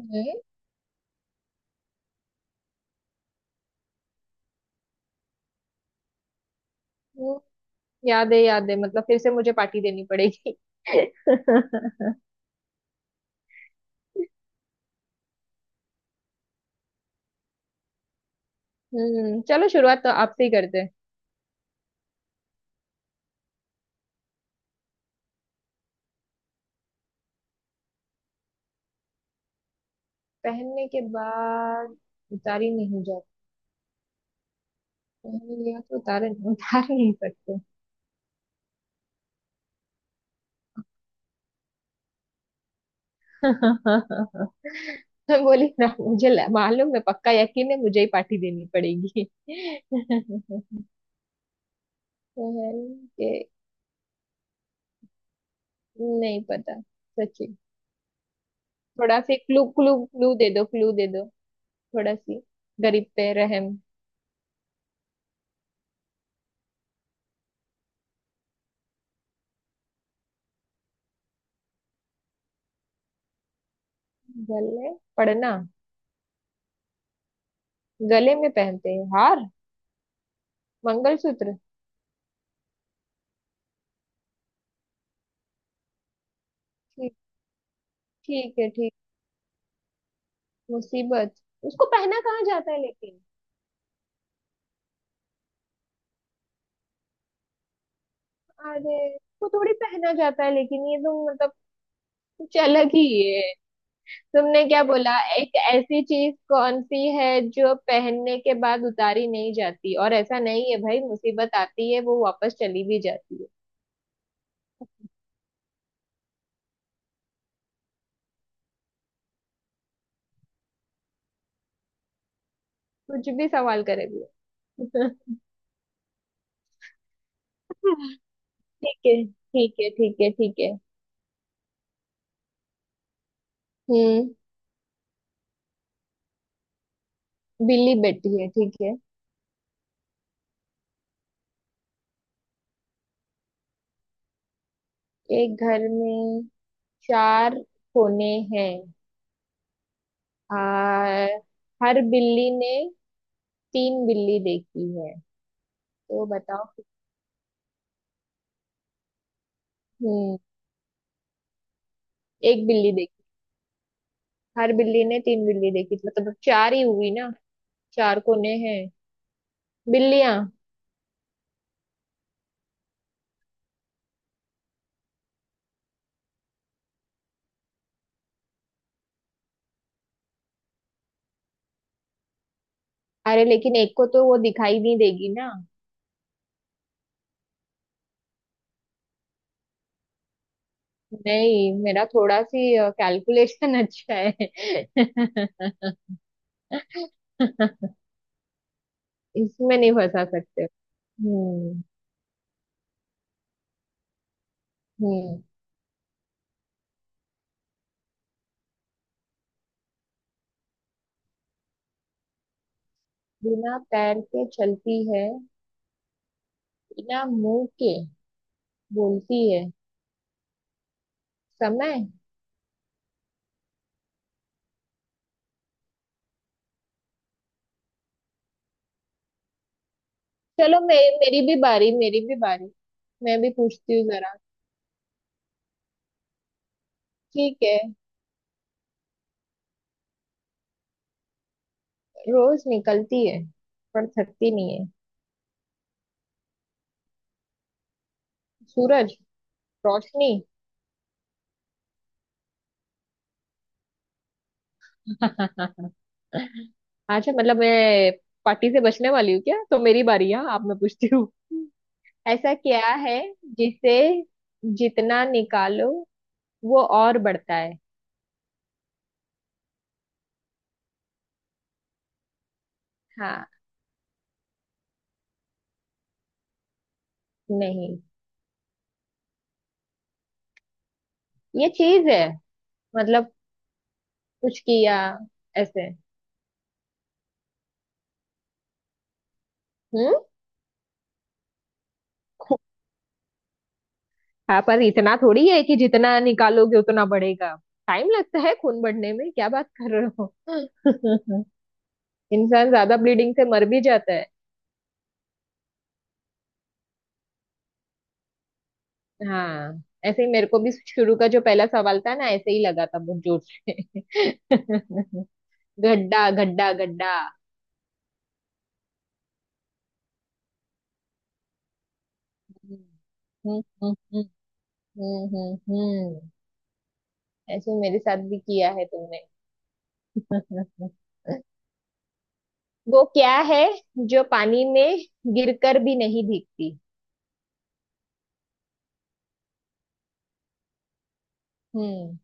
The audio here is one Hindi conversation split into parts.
नहीं। वो याद है मतलब फिर से मुझे पार्टी देनी पड़ेगी। हम्म। चलो शुरुआत तो आपसे ही करते हैं। पहनने के बाद उतारी नहीं जाती। पहन लिया तो उतार उतार नहीं सकते। मैं बोली ना मुझे मालूम है पक्का यकीन है मुझे ही पार्टी देनी पड़ेगी। पहन के नहीं पता सच्ची। थोड़ा सी क्लू क्लू क्लू दे दो। क्लू दे दो। थोड़ा सी गरीब पे रहम। गले पड़ना। गले में पहनते हैं हार। मंगलसूत्र। ठीक। ठीक है ठीक। मुसीबत। उसको पहना कहाँ जाता है लेकिन। अरे उसको थोड़ी पहना जाता है लेकिन ये तो मतलब कुछ अलग ही है। तुमने क्या बोला। एक ऐसी चीज कौन सी है जो पहनने के बाद उतारी नहीं जाती और ऐसा नहीं है भाई मुसीबत आती है वो वापस चली भी जाती है। कुछ भी सवाल करेगी। ठीक है ठीक है ठीक है ठीक है। हम्म। बिल्ली बैठी है ठीक है। एक घर में चार कोने हैं आ, हर बिल्ली ने तीन बिल्ली देखी है तो बताओ। हम्म। एक बिल्ली देखी। हर बिल्ली ने तीन बिल्ली देखी मतलब चार ही हुई ना। चार कोने हैं। बिल्लियां। अरे लेकिन एक को तो वो दिखाई नहीं देगी ना। नहीं मेरा थोड़ा सी कैलकुलेशन अच्छा है। इसमें नहीं फंसा सकते। हम्म। हम्म। बिना पैर के चलती है बिना मुंह के बोलती है। समय। चलो मेरी भी बारी। मेरी भी बारी। मैं भी पूछती हूँ जरा। ठीक है। रोज निकलती है पर थकती नहीं है। सूरज। रोशनी। अच्छा मतलब मैं पार्टी से बचने वाली हूँ क्या। तो मेरी बारी है आप मैं पूछती हूँ। ऐसा क्या है जिसे जितना निकालो वो और बढ़ता है। हाँ। नहीं। ये चीज है मतलब कुछ किया ऐसे। हम्म। हाँ पर इतना थोड़ी है कि जितना निकालोगे उतना बढ़ेगा। टाइम लगता है खून बढ़ने में क्या बात कर रहे हो। इंसान ज्यादा ब्लीडिंग से मर भी जाता है। हाँ ऐसे ही मेरे को भी शुरू का जो पहला सवाल था ना ऐसे ही लगा था बहुत जोर से। गड्ढा गड्ढा गड्ढा। हम्म हम्म हम्म हम्म हम्म, हम्म। ऐसे मेरे साथ भी किया है तुमने। वो क्या है जो पानी में गिरकर भी नहीं भीगती। हम्म।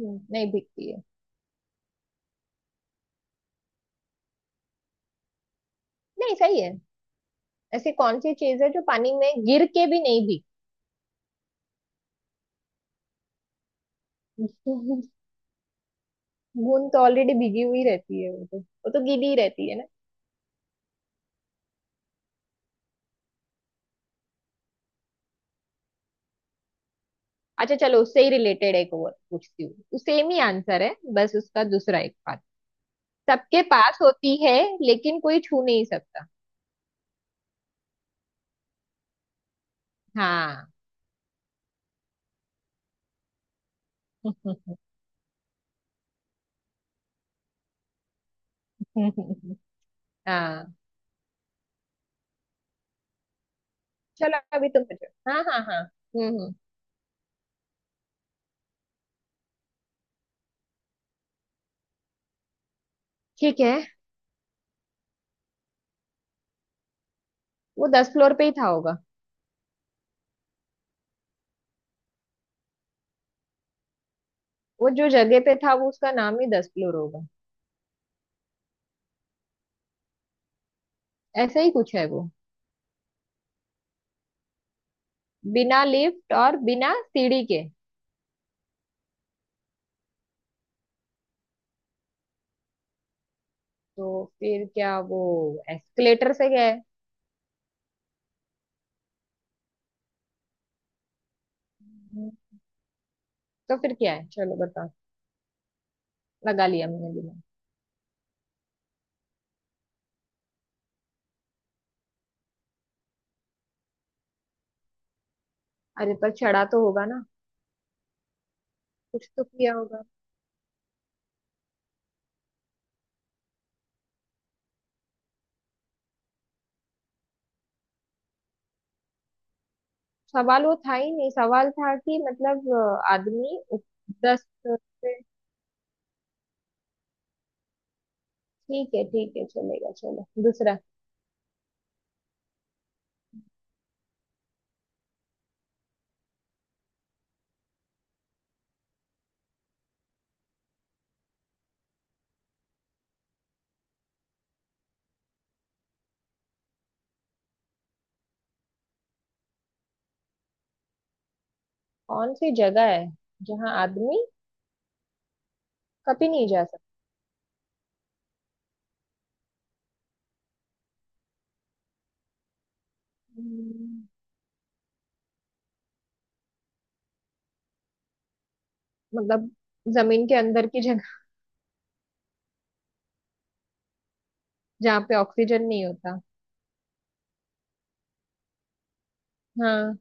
नहीं भीगती। नहीं सही है। ऐसी कौन सी चीज है जो पानी में गिर के भी नहीं भीग। बूंद तो ऑलरेडी भीगी हुई रहती है वो तो गीली ही रहती है ना। अच्छा चलो उससे ही रिलेटेड एक और पूछती हूँ। सेम ही आंसर है बस उसका दूसरा एक पार्ट। सबके पास होती है लेकिन कोई छू नहीं सकता। हाँ। हाँ। चलो अभी तुम पूछो। हाँ हाँ हाँ हम्म। ठीक है। वो 10 फ्लोर पे ही था होगा। वो जो जगह पे था वो उसका नाम ही 10 फ्लोर होगा। ऐसा ही कुछ है वो। बिना लिफ्ट और बिना सीढ़ी के तो फिर क्या वो एस्केलेटर से गए। हम्म, तो फिर क्या है चलो बताओ। लगा लिया मैंने दिमाग। अरे पर चढ़ा तो होगा ना। कुछ तो किया होगा। सवाल वो था ही नहीं। सवाल था कि मतलब आदमी उप-। दस से। ठीक है चलेगा। चलो दूसरा। कौन सी जगह है जहाँ आदमी कभी नहीं जा सकता। हम्म, मतलब जमीन के अंदर की जगह जहाँ पे ऑक्सीजन नहीं होता। हाँ।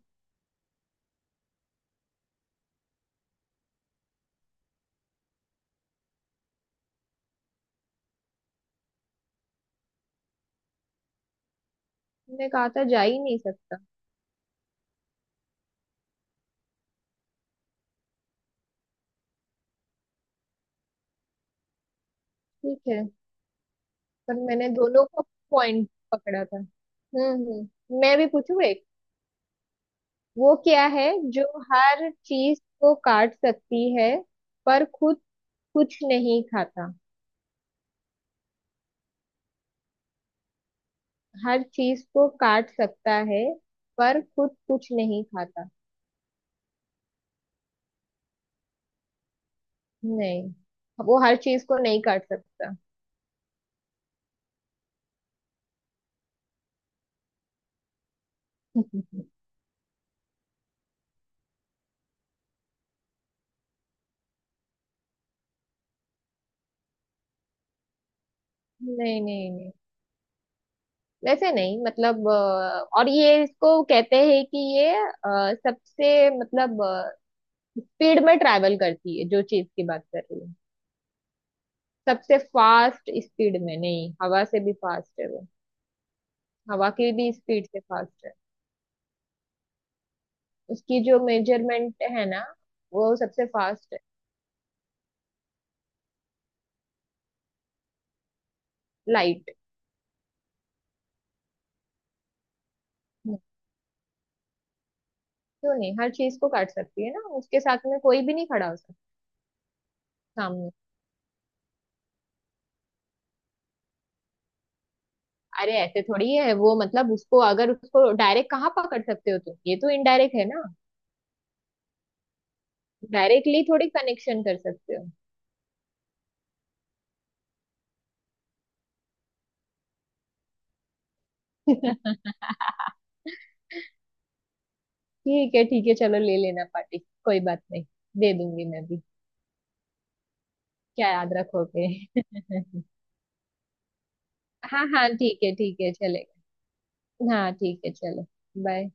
मैंने कहा था जा ही नहीं सकता। ठीक है। पर मैंने दोनों को पॉइंट पकड़ा था। हम्म। मैं भी पूछू एक। वो क्या है जो हर चीज को काट सकती है पर खुद कुछ नहीं खाता। हर चीज को काट सकता है पर खुद कुछ नहीं खाता। नहीं वो हर चीज को नहीं काट सकता। नहीं नहीं नहीं वैसे नहीं मतलब और ये इसको कहते हैं कि ये सबसे मतलब स्पीड में ट्रैवल करती है जो चीज की बात कर रही हूँ। सबसे फास्ट स्पीड में नहीं। हवा से भी फास्ट है वो। हवा की भी स्पीड से फास्ट है। उसकी जो मेजरमेंट है ना वो सबसे फास्ट है। लाइट। क्यों नहीं हर चीज को काट सकती है ना। उसके साथ में कोई भी नहीं खड़ा हो सकता। सामने। अरे ऐसे थोड़ी है वो मतलब उसको अगर उसको डायरेक्ट कहाँ पकड़ सकते हो तुम। ये तो इनडायरेक्ट है ना। डायरेक्टली थोड़ी कनेक्शन कर सकते हो। ठीक है चलो ले लेना पार्टी। कोई बात नहीं। दे दूंगी मैं भी। क्या याद रखोगे। हाँ हाँ ठीक है चलेगा। हाँ ठीक है चलो। बाय।